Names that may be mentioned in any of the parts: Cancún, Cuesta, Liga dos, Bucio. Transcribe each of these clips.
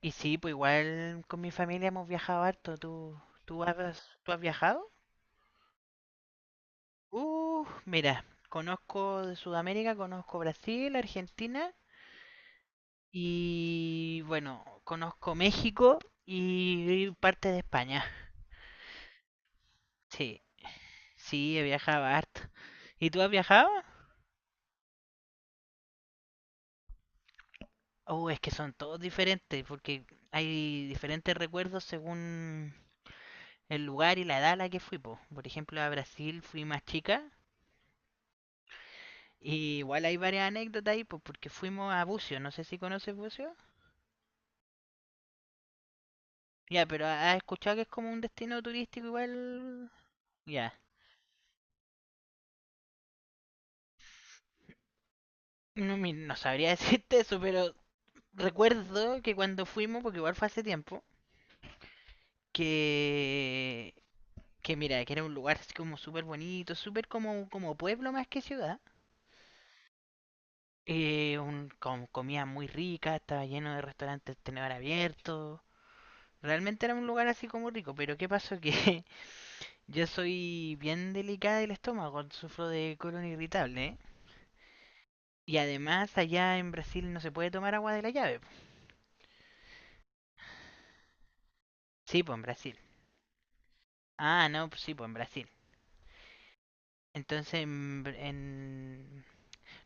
Y sí, pues igual con mi familia hemos viajado harto. ¿¿Tú has viajado? Mira, conozco de Sudamérica, conozco Brasil, Argentina y bueno, conozco México y parte de España. Sí, sí, he viajado harto. ¿Y tú has viajado? Oh, es que son todos diferentes porque hay diferentes recuerdos según el lugar y la edad a la que fui, po. Por ejemplo, a Brasil fui más chica. Y igual hay varias anécdotas ahí, pues porque fuimos a Bucio, no sé si conoces Bucio. Ya, pero has escuchado que es como un destino turístico igual. Ya. No, no sabría decirte eso, pero recuerdo que cuando fuimos, porque igual fue hace tiempo, que. que mira, que era un lugar así como súper bonito, súper como, como pueblo más que ciudad. Con comida muy rica, estaba lleno de restaurantes tenedor abierto. Realmente era un lugar así como rico, pero ¿qué pasó? Que yo soy bien delicada del estómago, sufro de colon irritable, ¿eh? Y además allá en Brasil no se puede tomar agua de la llave. Sí, pues en Brasil. Ah, no, pues sí, pues en Brasil. Entonces en, en-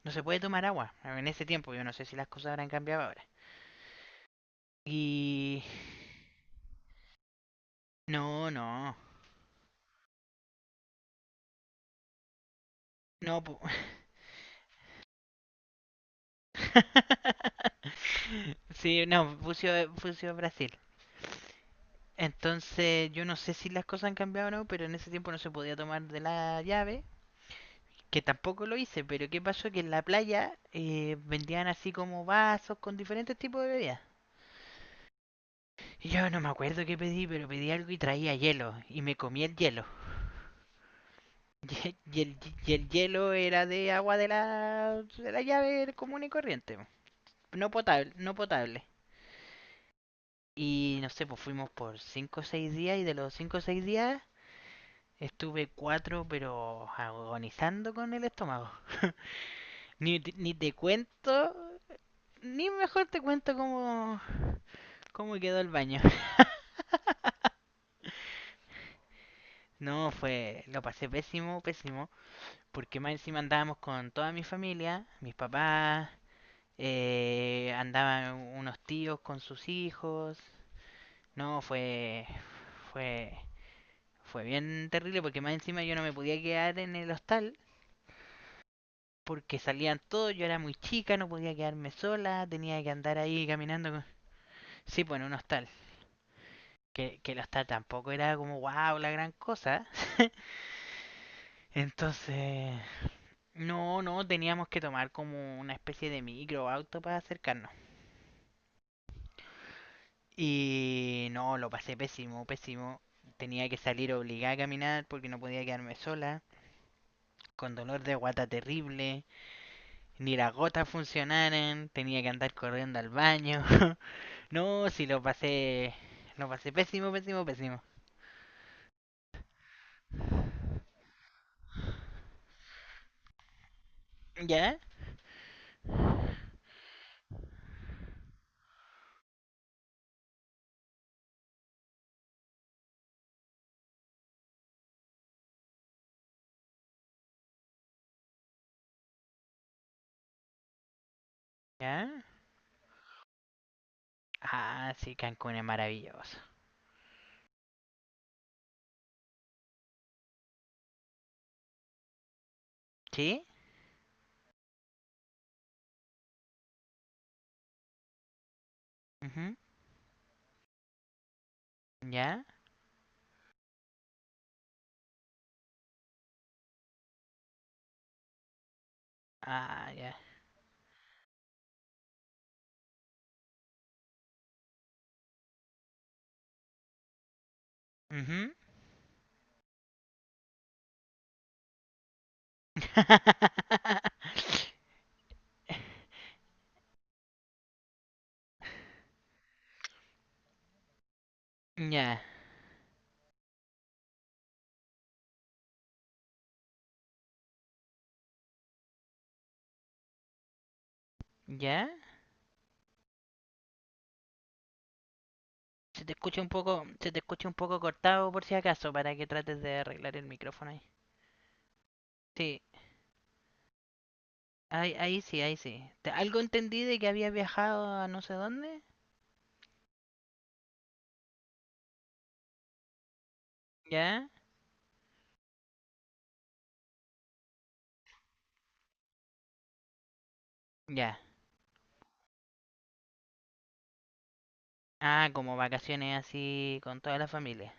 no se puede tomar agua en ese tiempo. Yo no sé si las cosas habrán cambiado ahora. Y no, no, no. Sí, no, Bucio, Bucio Brasil. Entonces yo no sé si las cosas han cambiado o no, pero en ese tiempo no se podía tomar de la llave, que tampoco lo hice, pero ¿qué pasó? Que en la playa vendían así como vasos con diferentes tipos de bebidas. Y yo no me acuerdo qué pedí, pero pedí algo y traía hielo. Y me comí el hielo. Y el, y el hielo era de agua de la llave común y corriente. No potable, no potable. Y no sé, pues fuimos por 5 o seis días y de los 5 o 6 días estuve 4 pero agonizando con el estómago. ni, ni te cuento, ni mejor te cuento cómo, ¿cómo quedó el baño? No, lo pasé pésimo, pésimo, porque más encima andábamos con toda mi familia, mis papás, andaban unos tíos con sus hijos. No, fue, fue bien terrible porque más encima yo no me podía quedar en el hostal porque salían todos, yo era muy chica, no podía quedarme sola, tenía que andar ahí caminando. Sí, bueno, un hostal, que el hostal tampoco era como wow, la gran cosa. Entonces, no, no, teníamos que tomar como una especie de micro o auto para acercarnos. Y no, lo pasé pésimo, pésimo. Tenía que salir obligada a caminar porque no podía quedarme sola, con dolor de guata terrible, ni las gotas funcionaran, tenía que andar corriendo al baño. No, sí lo pasé pésimo, pésimo, pésimo. ¿Ya? ¿Ya? Ah, sí, Cancún es maravilloso. ¿Sí? Ujú. ¿Ya? Ah, ya. Ujú. Ya, ya. Se te escucha un poco, se te escucha un poco cortado por si acaso, para que trates de arreglar el micrófono ahí. Sí, ahí, ahí sí, ahí sí. Te- algo entendí de que había viajado a no sé dónde. Ya, ya. Ah, como vacaciones así con toda la familia.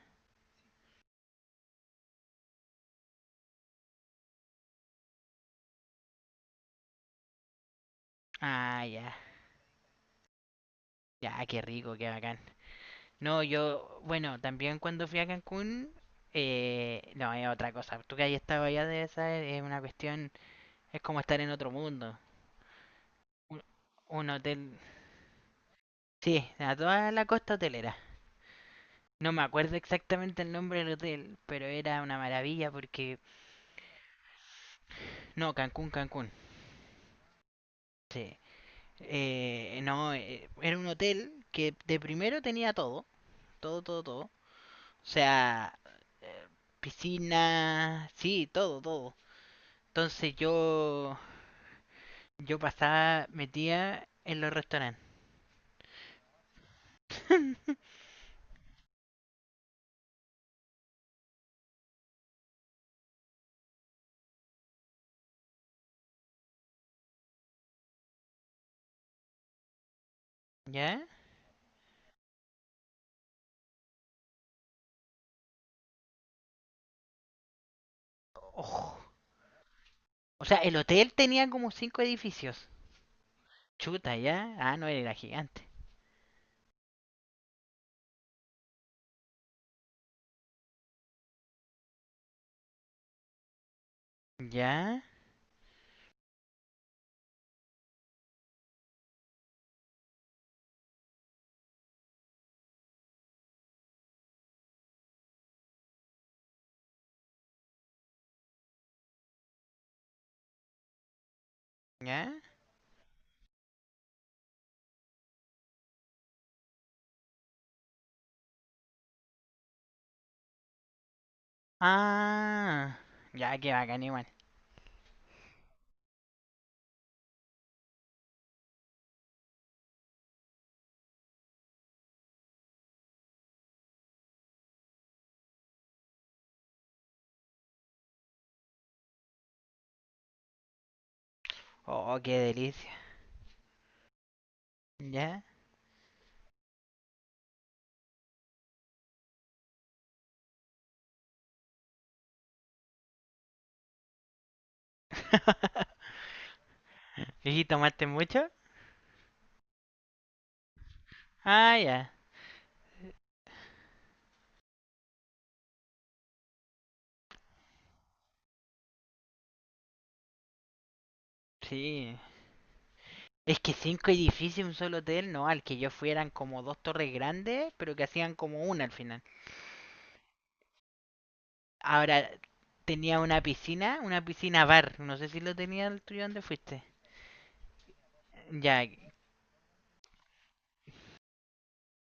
Ah, ya. Ya, qué rico, qué bacán. No, yo, bueno, también cuando fui a Cancún, no, es otra cosa. Tú que hayas estado allá de esa es una cuestión. Es como estar en otro mundo. Un, un hotel. Sí, a toda la costa hotelera. No me acuerdo exactamente el nombre del hotel, pero era una maravilla porque. No, Cancún, Cancún. Sí. No, era un hotel que de primero tenía todo. Todo, todo, todo. O sea, eh, piscina. Sí, todo, todo. Entonces yo. Yo pasaba, metía en los restaurantes. ¿Ya? Ojo. O sea, el hotel tenía como cinco edificios. Chuta, ya. Ah, no, era gigante. Ya, ya. Ah, ya, qué bacán igual. Oh, qué delicia. Ya. ¿Y tomaste mucho? Ah, ya. Sí. Es que cinco edificios en un solo hotel, no, al que yo fui eran como dos torres grandes, pero que hacían como una al final. Ahora, tenía una piscina bar, no sé si lo tenía el tuyo donde fuiste. Ya,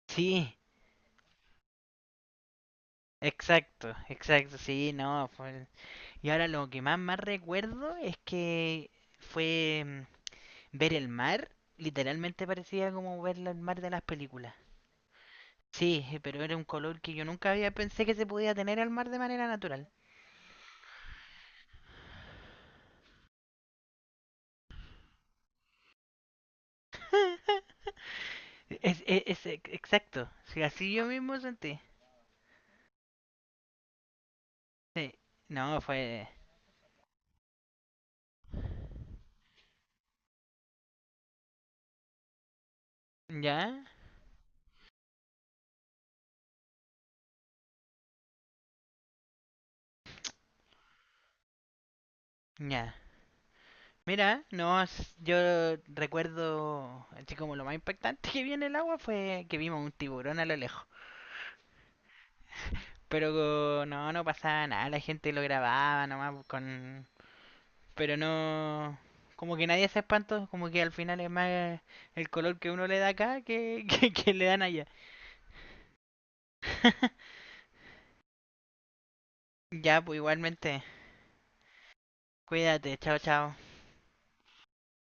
sí, exacto, exacto, sí, no, fue... Y ahora lo que más recuerdo es que fue ver el mar. Literalmente parecía como ver el mar de las películas. Sí, pero era un color que yo nunca había pensé que se podía tener al mar de manera natural. Exacto. Sí, así yo mismo sentí. Sí. No, fue... Ya, ya. Mira, no, yo recuerdo, así como lo más impactante que vi en el agua fue que vimos un tiburón a lo lejos. Pero no, no pasaba nada, la gente lo grababa nomás pues, con... Pero no... Como que nadie se espantó, como que al final es más el color que uno le da acá que, que le dan allá. Ya, pues igualmente, cuídate, chao, chao.